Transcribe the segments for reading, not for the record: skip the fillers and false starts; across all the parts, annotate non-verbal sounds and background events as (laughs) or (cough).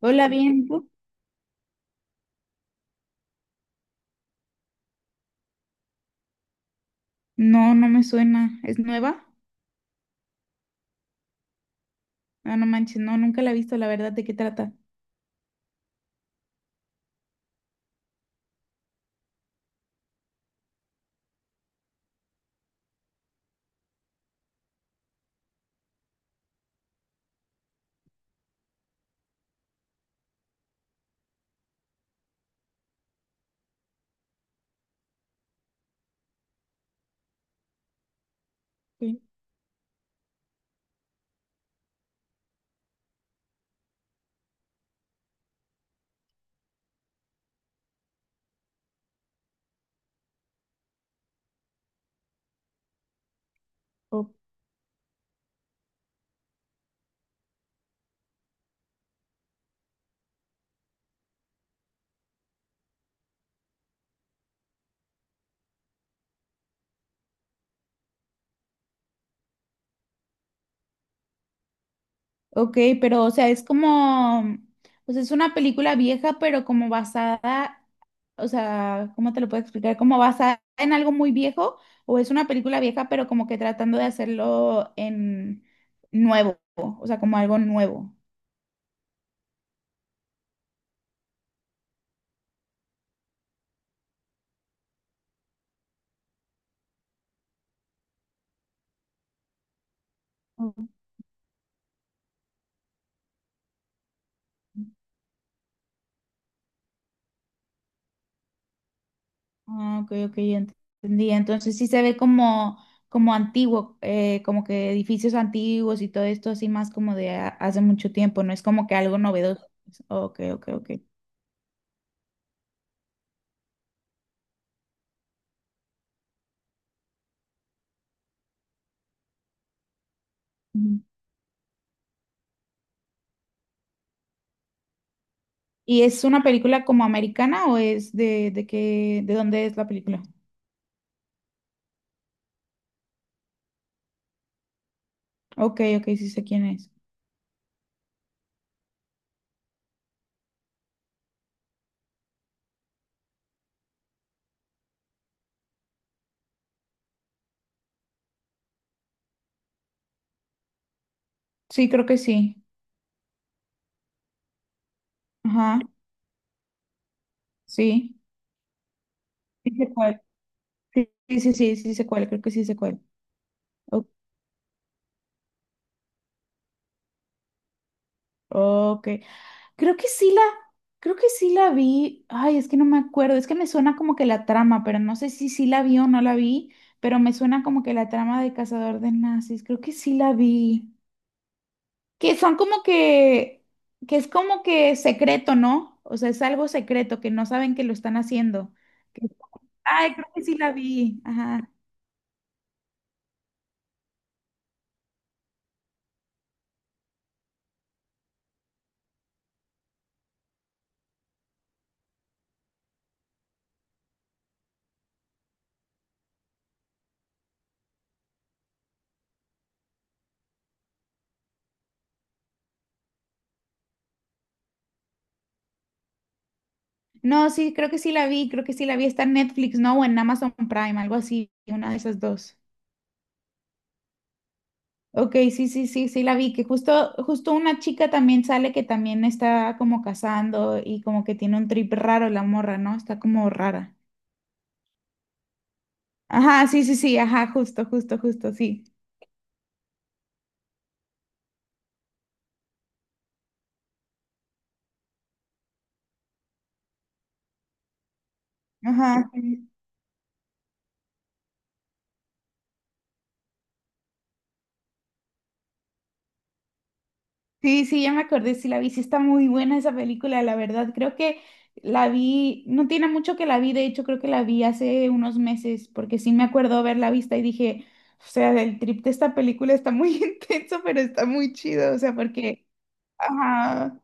Hola, bien, ¿tú? No, no me suena. ¿Es nueva? Ah, no manches, no, nunca la he visto, la verdad, ¿de qué trata? Sí. O- ok, pero, o sea, es como, pues es una película vieja, pero como basada, o sea, ¿cómo te lo puedo explicar? ¿Como basada en algo muy viejo? ¿O es una película vieja, pero como que tratando de hacerlo en nuevo? O sea, como algo nuevo. Ah, ok, ok, ya entendí. Entonces sí se ve como, como antiguo, como que edificios antiguos y todo esto así más como de hace mucho tiempo, no es como que algo novedoso. Ok, ok, ok. Ujú. ¿Y es una película como americana o es de qué, de dónde es la película? Ok, ok, sí sé quién es. Sí, creo que sí. Ajá, sí. Sí sé cuál. Sí, sí, sí, sí, sí sé cuál, creo que sí sé cuál. O- Ok. Creo que sí la, creo que sí la vi. Ay, es que no me acuerdo. Es que me suena como que la trama, pero no sé si sí la vi o no la vi, pero me suena como que la trama de Cazador de Nazis. Creo que sí la vi. Que son como que, que es como que secreto, ¿no? O sea, es algo secreto, que no saben que lo están haciendo. Que- Ay, creo que sí la vi. Ajá. No, sí, creo que sí la vi, creo que sí la vi. Está en Netflix, ¿no? O en Amazon Prime, algo así, una de esas dos. Ok, sí, sí, sí, sí, la vi, que justo, justo una chica también sale que también está como cazando y como que tiene un trip raro la morra, ¿no? Está como rara. Ajá, sí, sí, sí, ajá, justo, justo, justo, sí. Ajá. Sí, sí, sí, ya me acordé, sí la vi, sí está muy buena esa película, la verdad, creo que la vi, no tiene mucho que la vi, de hecho creo que la vi hace unos meses, porque sí me acuerdo haberla vista y dije, o sea, el trip de esta película está muy (laughs) intenso, pero está muy chido, o sea, porque... Ajá.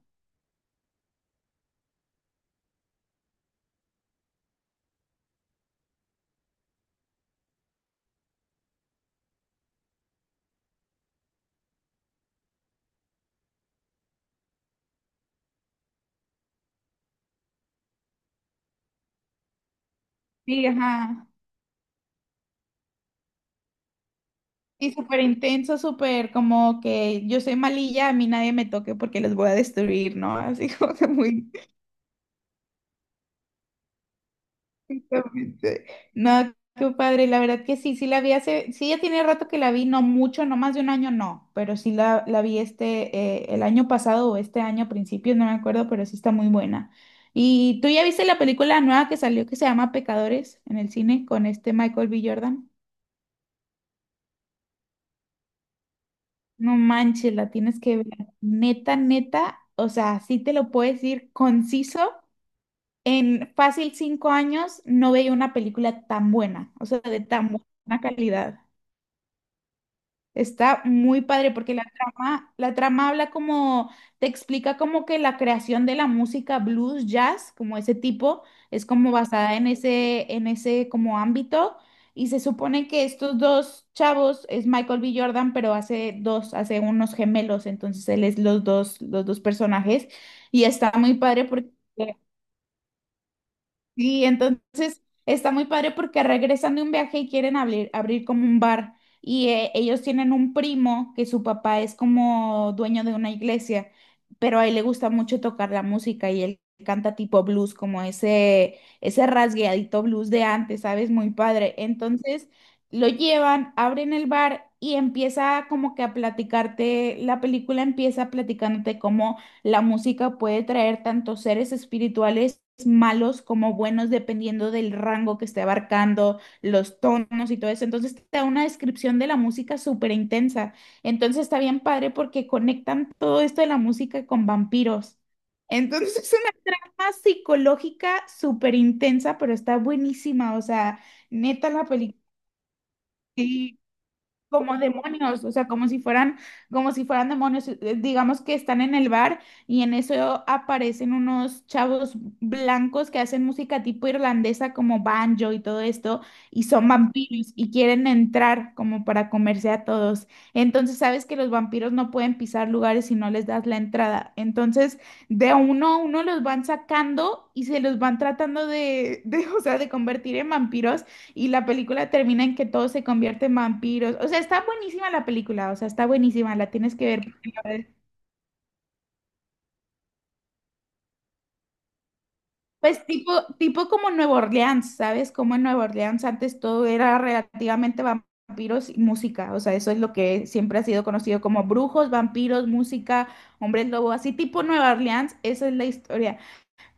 Sí, ajá. Y súper intenso, súper como que yo soy malilla, a mí nadie me toque porque los voy a destruir, ¿no? Así (laughs) como que muy intensamente. No, qué padre, la verdad que sí, sí ya tiene rato que la vi, no mucho, no más de un año, no, pero la vi el año pasado o este año a principios, no me acuerdo, pero sí está muy buena. ¿Y tú ya viste la película nueva que salió que se llama Pecadores en el cine con este Michael B. Jordan? No manches, la tienes que ver. Neta, neta, o sea, sí te lo puedes decir conciso. En fácil 5 años no veía una película tan buena, o sea, de tan buena calidad. Está muy padre porque la trama habla como, te explica como que la creación de la música blues, jazz, como ese tipo, es como basada en en ese como ámbito. Y se supone que estos dos chavos es Michael B. Jordan, pero hace unos gemelos, entonces él es los dos personajes. Y está muy padre porque Sí, entonces está muy padre porque regresan de un viaje y quieren abrir como un bar y ellos tienen un primo que su papá es como dueño de una iglesia, pero a él le gusta mucho tocar la música y él canta tipo blues, como ese rasgueadito blues de antes, ¿sabes? Muy padre. Entonces lo llevan, abren el bar y empieza como que a platicarte, la película empieza platicándote cómo la música puede traer tanto seres espirituales malos como buenos, dependiendo del rango que esté abarcando, los tonos y todo eso. Entonces te da una descripción de la música súper intensa. Entonces está bien padre porque conectan todo esto de la música con vampiros. Entonces es una trama psicológica súper intensa, pero está buenísima. O sea, neta la película como demonios, o sea, como si fueran demonios. Digamos que están en el bar y en eso aparecen unos chavos blancos que hacen música tipo irlandesa como banjo y todo esto, y son vampiros y quieren entrar como para comerse a todos. Entonces sabes que los vampiros no pueden pisar lugares si no les das la entrada. Entonces de uno a uno los van sacando y se los van tratando de, (laughs) de, o sea, de convertir en vampiros y la película termina en que todos se convierten en vampiros. O sea, está buenísima la película, o sea, está buenísima, la tienes que ver. Porque la verdad- Pues tipo, tipo como Nueva Orleans, ¿sabes? Como en Nueva Orleans antes todo era relativamente vampiros y música. O sea, eso es lo que siempre ha sido conocido como brujos, vampiros, música, hombres lobo, así tipo Nueva Orleans, esa es la historia.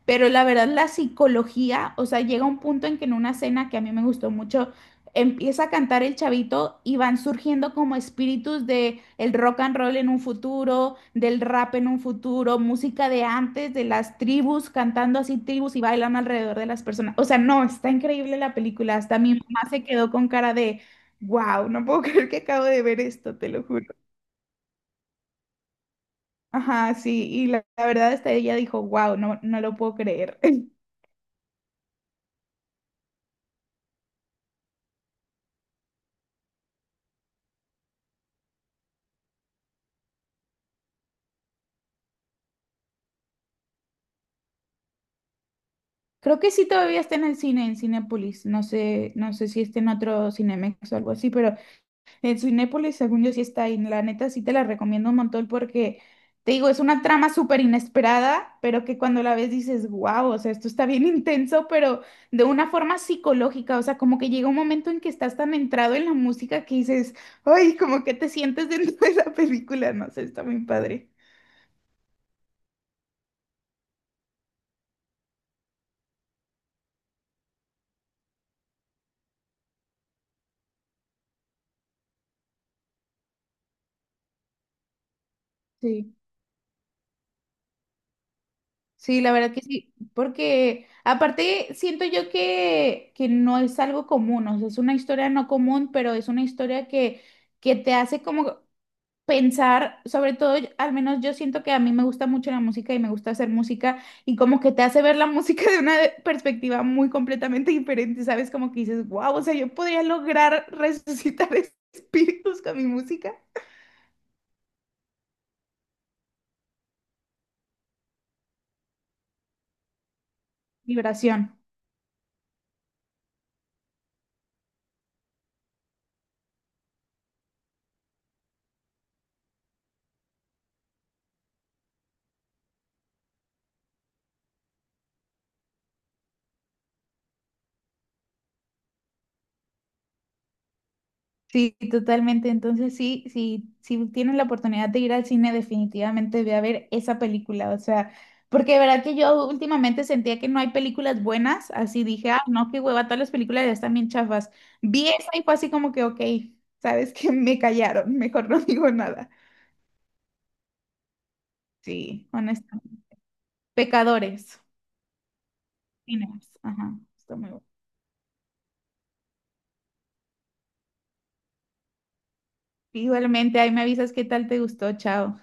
Pero la verdad, la psicología, o sea, llega un punto en que en una cena que a mí me gustó mucho, empieza a cantar el chavito y van surgiendo como espíritus de el rock and roll en un futuro, del rap en un futuro, música de antes, de las tribus, cantando así tribus y bailando alrededor de las personas. O sea, no, está increíble la película. Hasta mi mamá se quedó con cara de, wow, no puedo (laughs) creer que acabo de ver esto, te lo juro. Ajá, sí, y la verdad hasta ella dijo, wow, no, no lo puedo creer. Creo que sí todavía está en el cine, en Cinépolis. No sé, no sé si está en otro Cinemex o algo así, pero en Cinépolis, según yo, sí está ahí. La neta, sí te la recomiendo un montón porque, te digo, es una trama súper inesperada, pero que cuando la ves dices, wow, o sea, esto está bien (laughs) intenso, pero de una forma psicológica. O sea, como que llega un momento en que estás tan entrado en la música que dices, ay, como que te sientes dentro (laughs) de la película. No sé, está muy padre. Sí. Sí, la verdad que sí, porque aparte siento yo que no es algo común, o sea, es una historia no común, pero es una historia que te hace como pensar, sobre todo, al menos yo siento que a mí me gusta mucho la música y me gusta hacer música y como que te hace ver la música de una (laughs) perspectiva muy completamente diferente, ¿sabes? Como que dices, wow, o sea, yo podría lograr (laughs) resucitar espíritus con mi música. Vibración. Sí, totalmente. Entonces, sí, sí, si tienes la oportunidad de ir al cine, definitivamente ve a ver esa película. O sea, porque de verdad que yo últimamente sentía que no hay películas buenas, así dije, ah, no, qué hueva, todas las películas ya están bien chafas. Vi esa y fue así como que, ok, sabes que me callaron, mejor no (laughs) digo nada. Sí, honestamente. Pecadores, cines, ajá, está muy bueno. Igualmente, ahí me avisas qué tal te gustó, chao.